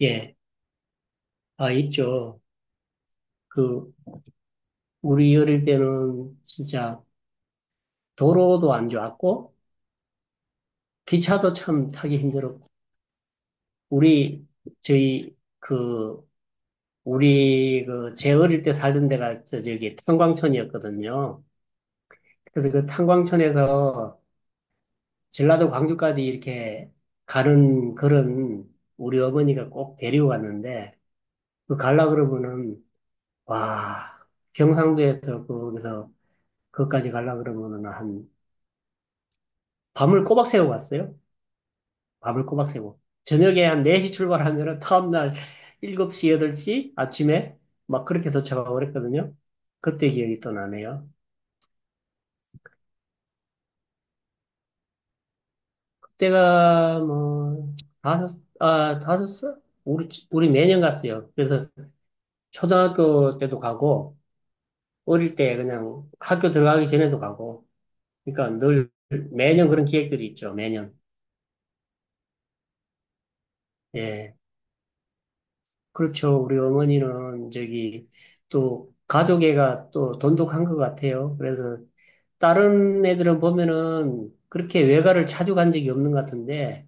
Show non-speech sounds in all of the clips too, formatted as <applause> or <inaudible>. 예, 아, 있죠. 그, 우리 어릴 때는 진짜 도로도 안 좋았고, 기차도 참 타기 힘들었고, 우리, 저희, 그, 우리, 그, 제 어릴 때 살던 데가 저기 탄광촌이었거든요. 그래서 그 탄광촌에서 전라도 광주까지 이렇게 가는 그런 우리 어머니가 꼭 데리고 갔는데, 그 갈라 그러면은, 와, 경상도에서 거기서 그것까지 갈라 그러면은 한 밤을 꼬박 새고 갔어요. 밤을 꼬박 새고. 저녁에 한 4시 출발하면은 다음날 7시, 8시 아침에 막 그렇게 도착하고 그랬거든요. 그때 기억이 또 나네요. 그때가 뭐, 다섯 살? 우리 매년 갔어요. 그래서 초등학교 때도 가고, 어릴 때 그냥 학교 들어가기 전에도 가고, 그러니까 늘 매년 그런 기획들이 있죠, 매년. 예. 그렇죠. 우리 어머니는 저기 또 가족애가 또 돈독한 것 같아요. 그래서 다른 애들은 보면은 그렇게 외가를 자주 간 적이 없는 것 같은데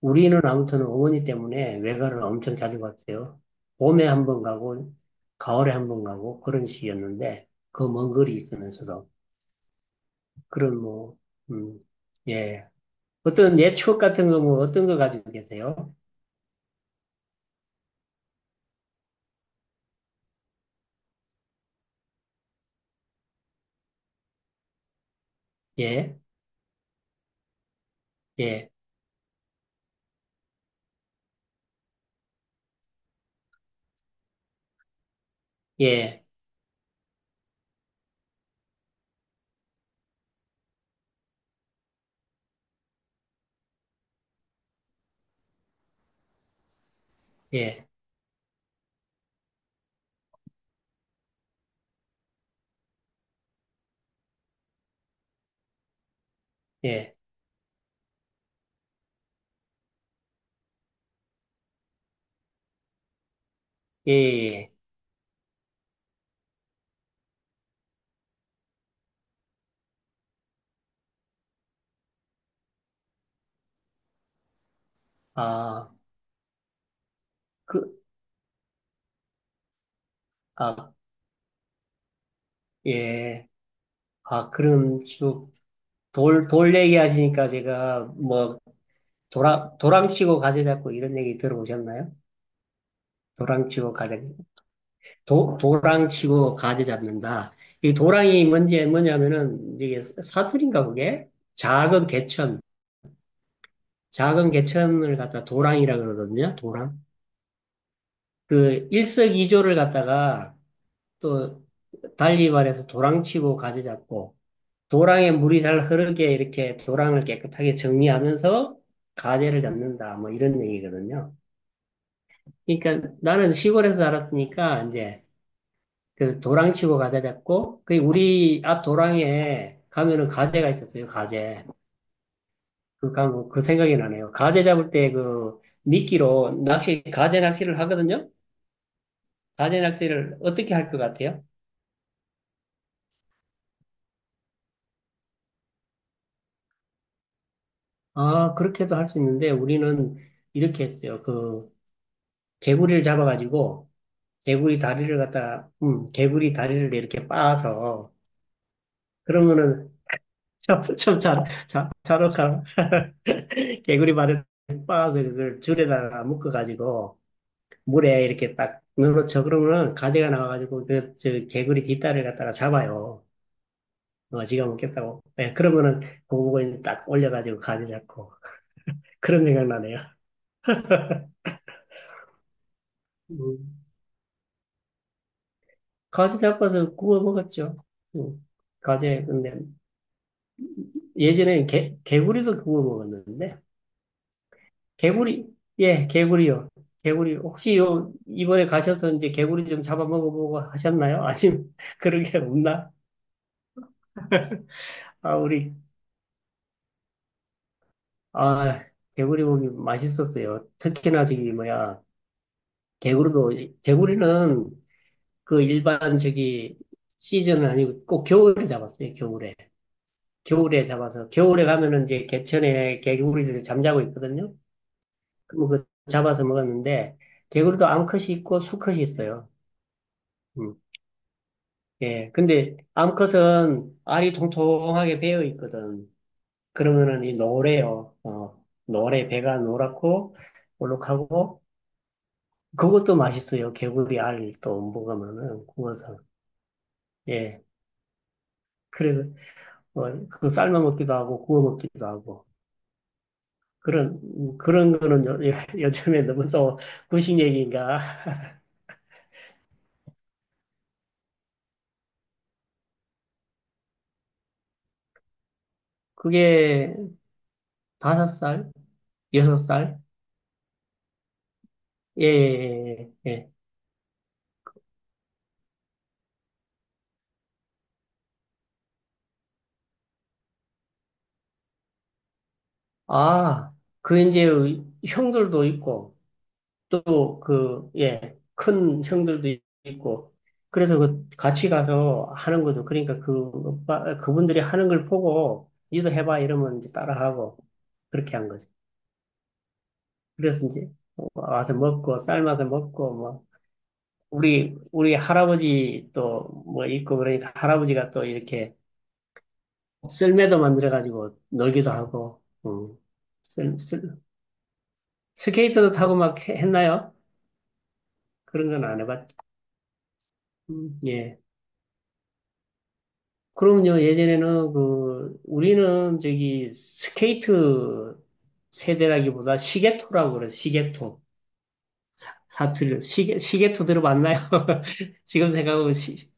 우리는 아무튼 어머니 때문에 외가를 엄청 자주 갔어요. 봄에 한번 가고 가을에 한번 가고 그런 식이었는데 그 먼 거리 있으면서도 그런 뭐, 음, 예. 어떤 예 추억 같은 거 뭐 어떤 거 가지고 계세요? 예, 예, 예, 예, 예, 예. 예. 아, 그, 아, 예. 아, 그럼 지금 돌 얘기하시니까 제가 뭐, 도랑, 도랑치고 가재 잡고 이런 얘기 들어보셨나요? 도랑치고 가재, 도랑치고 가재 잡는다. 이 도랑이 뭔지, 뭐냐면은 이게 사투리인가 그게? 작은 개천, 작은 개천을 갖다 도랑이라 그러거든요. 도랑. 그 일석이조를 갖다가 또 달리 말해서 도랑치고 가재 잡고 도랑에 물이 잘 흐르게 이렇게 도랑을 깨끗하게 정리하면서 가재를 잡는다. 뭐 이런 얘기거든요. 그러니까 나는 시골에서 자랐으니까 이제 그 도랑 치고 가재 잡고 그 우리 앞 도랑에 가면은 가재가 있었어요. 가재. 그 생각이 나네요. 가재 잡을 때 그 미끼로 가재 낚시를 하거든요. 가재 낚시를 어떻게 할 것 같아요? 아, 그렇게도 할 수 있는데 우리는 이렇게 했어요. 그 개구리를 잡아가지고 개구리 다리를 이렇게 빻아서, 그러면은, 참 잘할까? <laughs> 개구리 발을 빻아서 그걸 줄에다가 묶어가지고, 물에 이렇게 딱 눌러쳐. 그러면은, 가지가 나와가지고, 개구리 뒷다리를 갖다가 잡아요. 어, 지가 먹겠다고. 예, 그러면은, 그거 보고 이제 딱 올려가지고 가지 잡고. 그런 생각 나네요. 음, 가지 잡아서 구워 먹었죠. 음, 가지, 근데, 예전에 개구리도 구워 먹었는데, 개구리, 예, 개구리요. 개구리, 혹시 이번에 가셔서 이제 개구리 좀 잡아먹어보고 하셨나요? 아니면 <laughs> 그런 게 없나? 아, 우리, 아, 개구리 고기 맛있었어요. 특히나 저기, 뭐야, 개구리도, 개구리는 그 일반 저기 시즌은 아니고 꼭 겨울에 잡았어요, 겨울에. 겨울에 잡아서, 겨울에 가면은 이제 개천에 개구리들이 잠자고 있거든요. 그럼 그 잡아서 먹었는데, 개구리도 암컷이 있고 수컷이 있어요. 음. 예, 근데 암컷은 알이 통통하게 배어 있거든. 그러면은 이 노래요. 어, 노래 배가 노랗고 볼록하고 그것도 맛있어요. 개구리 알또 먹으면은 구워서. 예, 그래 어, 그거 삶아 먹기도 하고 구워 먹기도 하고 그런 그런 거는 요즘에 너무 또 구식 얘기인가? 그게 5살, 6살? 예, 예, 예. 예. 예. 아, 그 이제 형들도 있고. 또 그, 예, 큰 형들도 있고. 그래서 그 같이 가서 하는 거죠. 그러니까 그, 그분들이 하는 걸 보고, 니도 해봐 이러면 이제 따라하고, 그렇게 한 거죠. 그래서 이제 와서 먹고, 삶아서 먹고, 뭐, 우리 할아버지 또 뭐 있고, 그러니까 할아버지가 또 이렇게 썰매도 만들어가지고 놀기도 하고, 썰, 썰, 스케이트도 타고 막 했나요? 그런 건 안 해봤죠. 예. 그럼요. 예전에는 그 우리는 저기 스케이트 세대라기보다 시계토라고 그래요. 시계토. 사투리로 시계토 들어봤나요? <laughs> 지금 생각하면 시,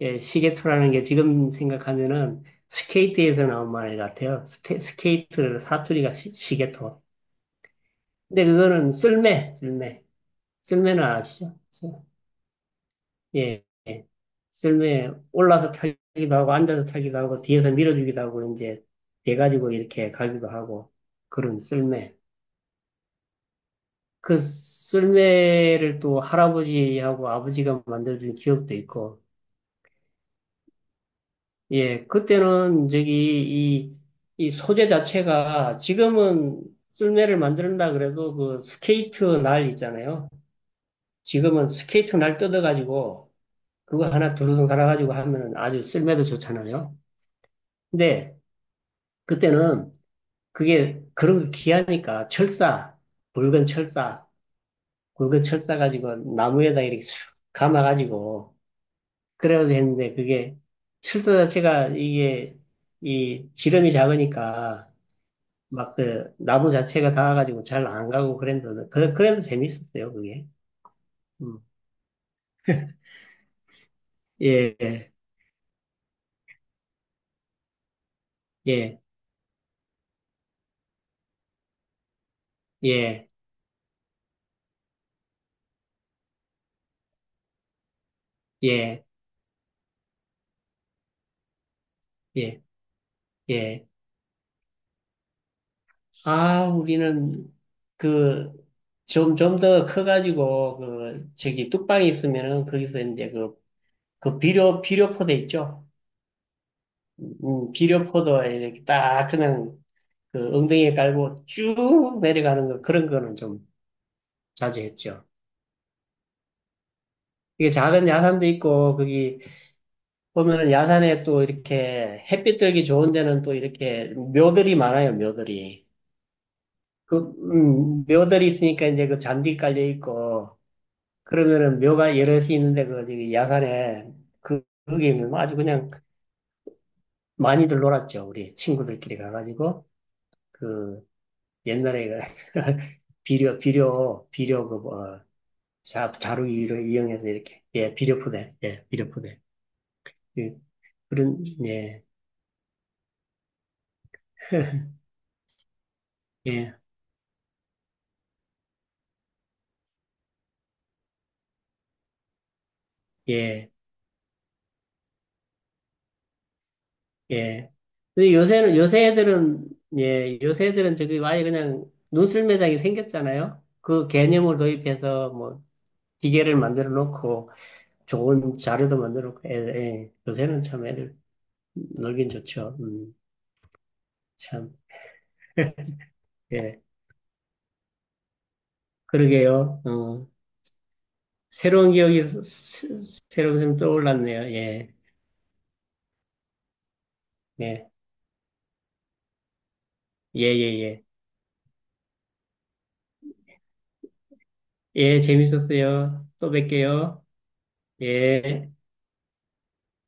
예, 시계토라는 게 지금 생각하면은 스케이트에서 나온 말 같아요. 스케이트 사투리가 시계토. 근데 그거는 쓸매. 쓸매는 아시죠? 예, 예. 썰매에 올라서 타기도 하고, 앉아서 타기도 하고, 뒤에서 밀어주기도 하고, 이제, 돼가지고 이렇게 가기도 하고, 그런 썰매. 그 썰매를 또 할아버지하고 아버지가 만들어준 기억도 있고, 예, 그때는 저기, 이 소재 자체가 지금은 썰매를 만든다 그래도 그 스케이트 날 있잖아요. 지금은 스케이트 날 뜯어가지고, 그거 하나 두루둥 갈아가지고 하면은 아주 썰매도 좋잖아요. 근데, 그때는 그게 그런 거 귀하니까 철사, 붉은 철사, 굵은 철사 가지고 나무에다 이렇게 슉 감아가지고 그래가지고 했는데 그게 철사 자체가 이게 이 지름이 작으니까 막 그 나무 자체가 닿아가지고 잘 안 가고 그랬는데 그, 그래도 재밌었어요 그게. 음. 예, 예, 예, 예, 예, 예, 예. 아, 우리는 그, 좀 더 커가지고, 그, 저기, 뚝방이 있으면은, 거기서 이제 그, 그 비료포대 있죠? 비료포도에 이렇게 딱 그냥 그 엉덩이에 깔고 쭉 내려가는 거, 그런 거는 좀 자주 했죠. 이게 작은 야산도 있고, 거기 보면은 야산에 또 이렇게 햇빛 들기 좋은 데는 또 이렇게 묘들이 많아요, 묘들이. 그, 묘들이 있으니까 이제 그 잔디 깔려 있고, 그러면은 묘가 여럿이 있는데 그 저기 야산에 그 거기는 아주 그냥 많이들 놀았죠. 우리 친구들끼리 가가지고 그 옛날에 그 <laughs> 비료 그뭐 자루를 이용해서 이렇게 예 비료 포대 예 비료 포대 예, 그런 예. <laughs> 예, 예, 예. 근데 요새 요새 애들은 저기 아예 그냥 논술 매장이 생겼잖아요. 그 개념을 도입해서 뭐 기계를 만들어 놓고 좋은 자료도 만들었고, 애, 예. 요새는 참 애들 놀긴 좋죠. 참, 예. 그러게요. 어, 새로운 기억이 새록새록 떠올랐네요. 예, 예, 예, 예, 예. 예, 재밌었어요. 또 뵐게요. 예.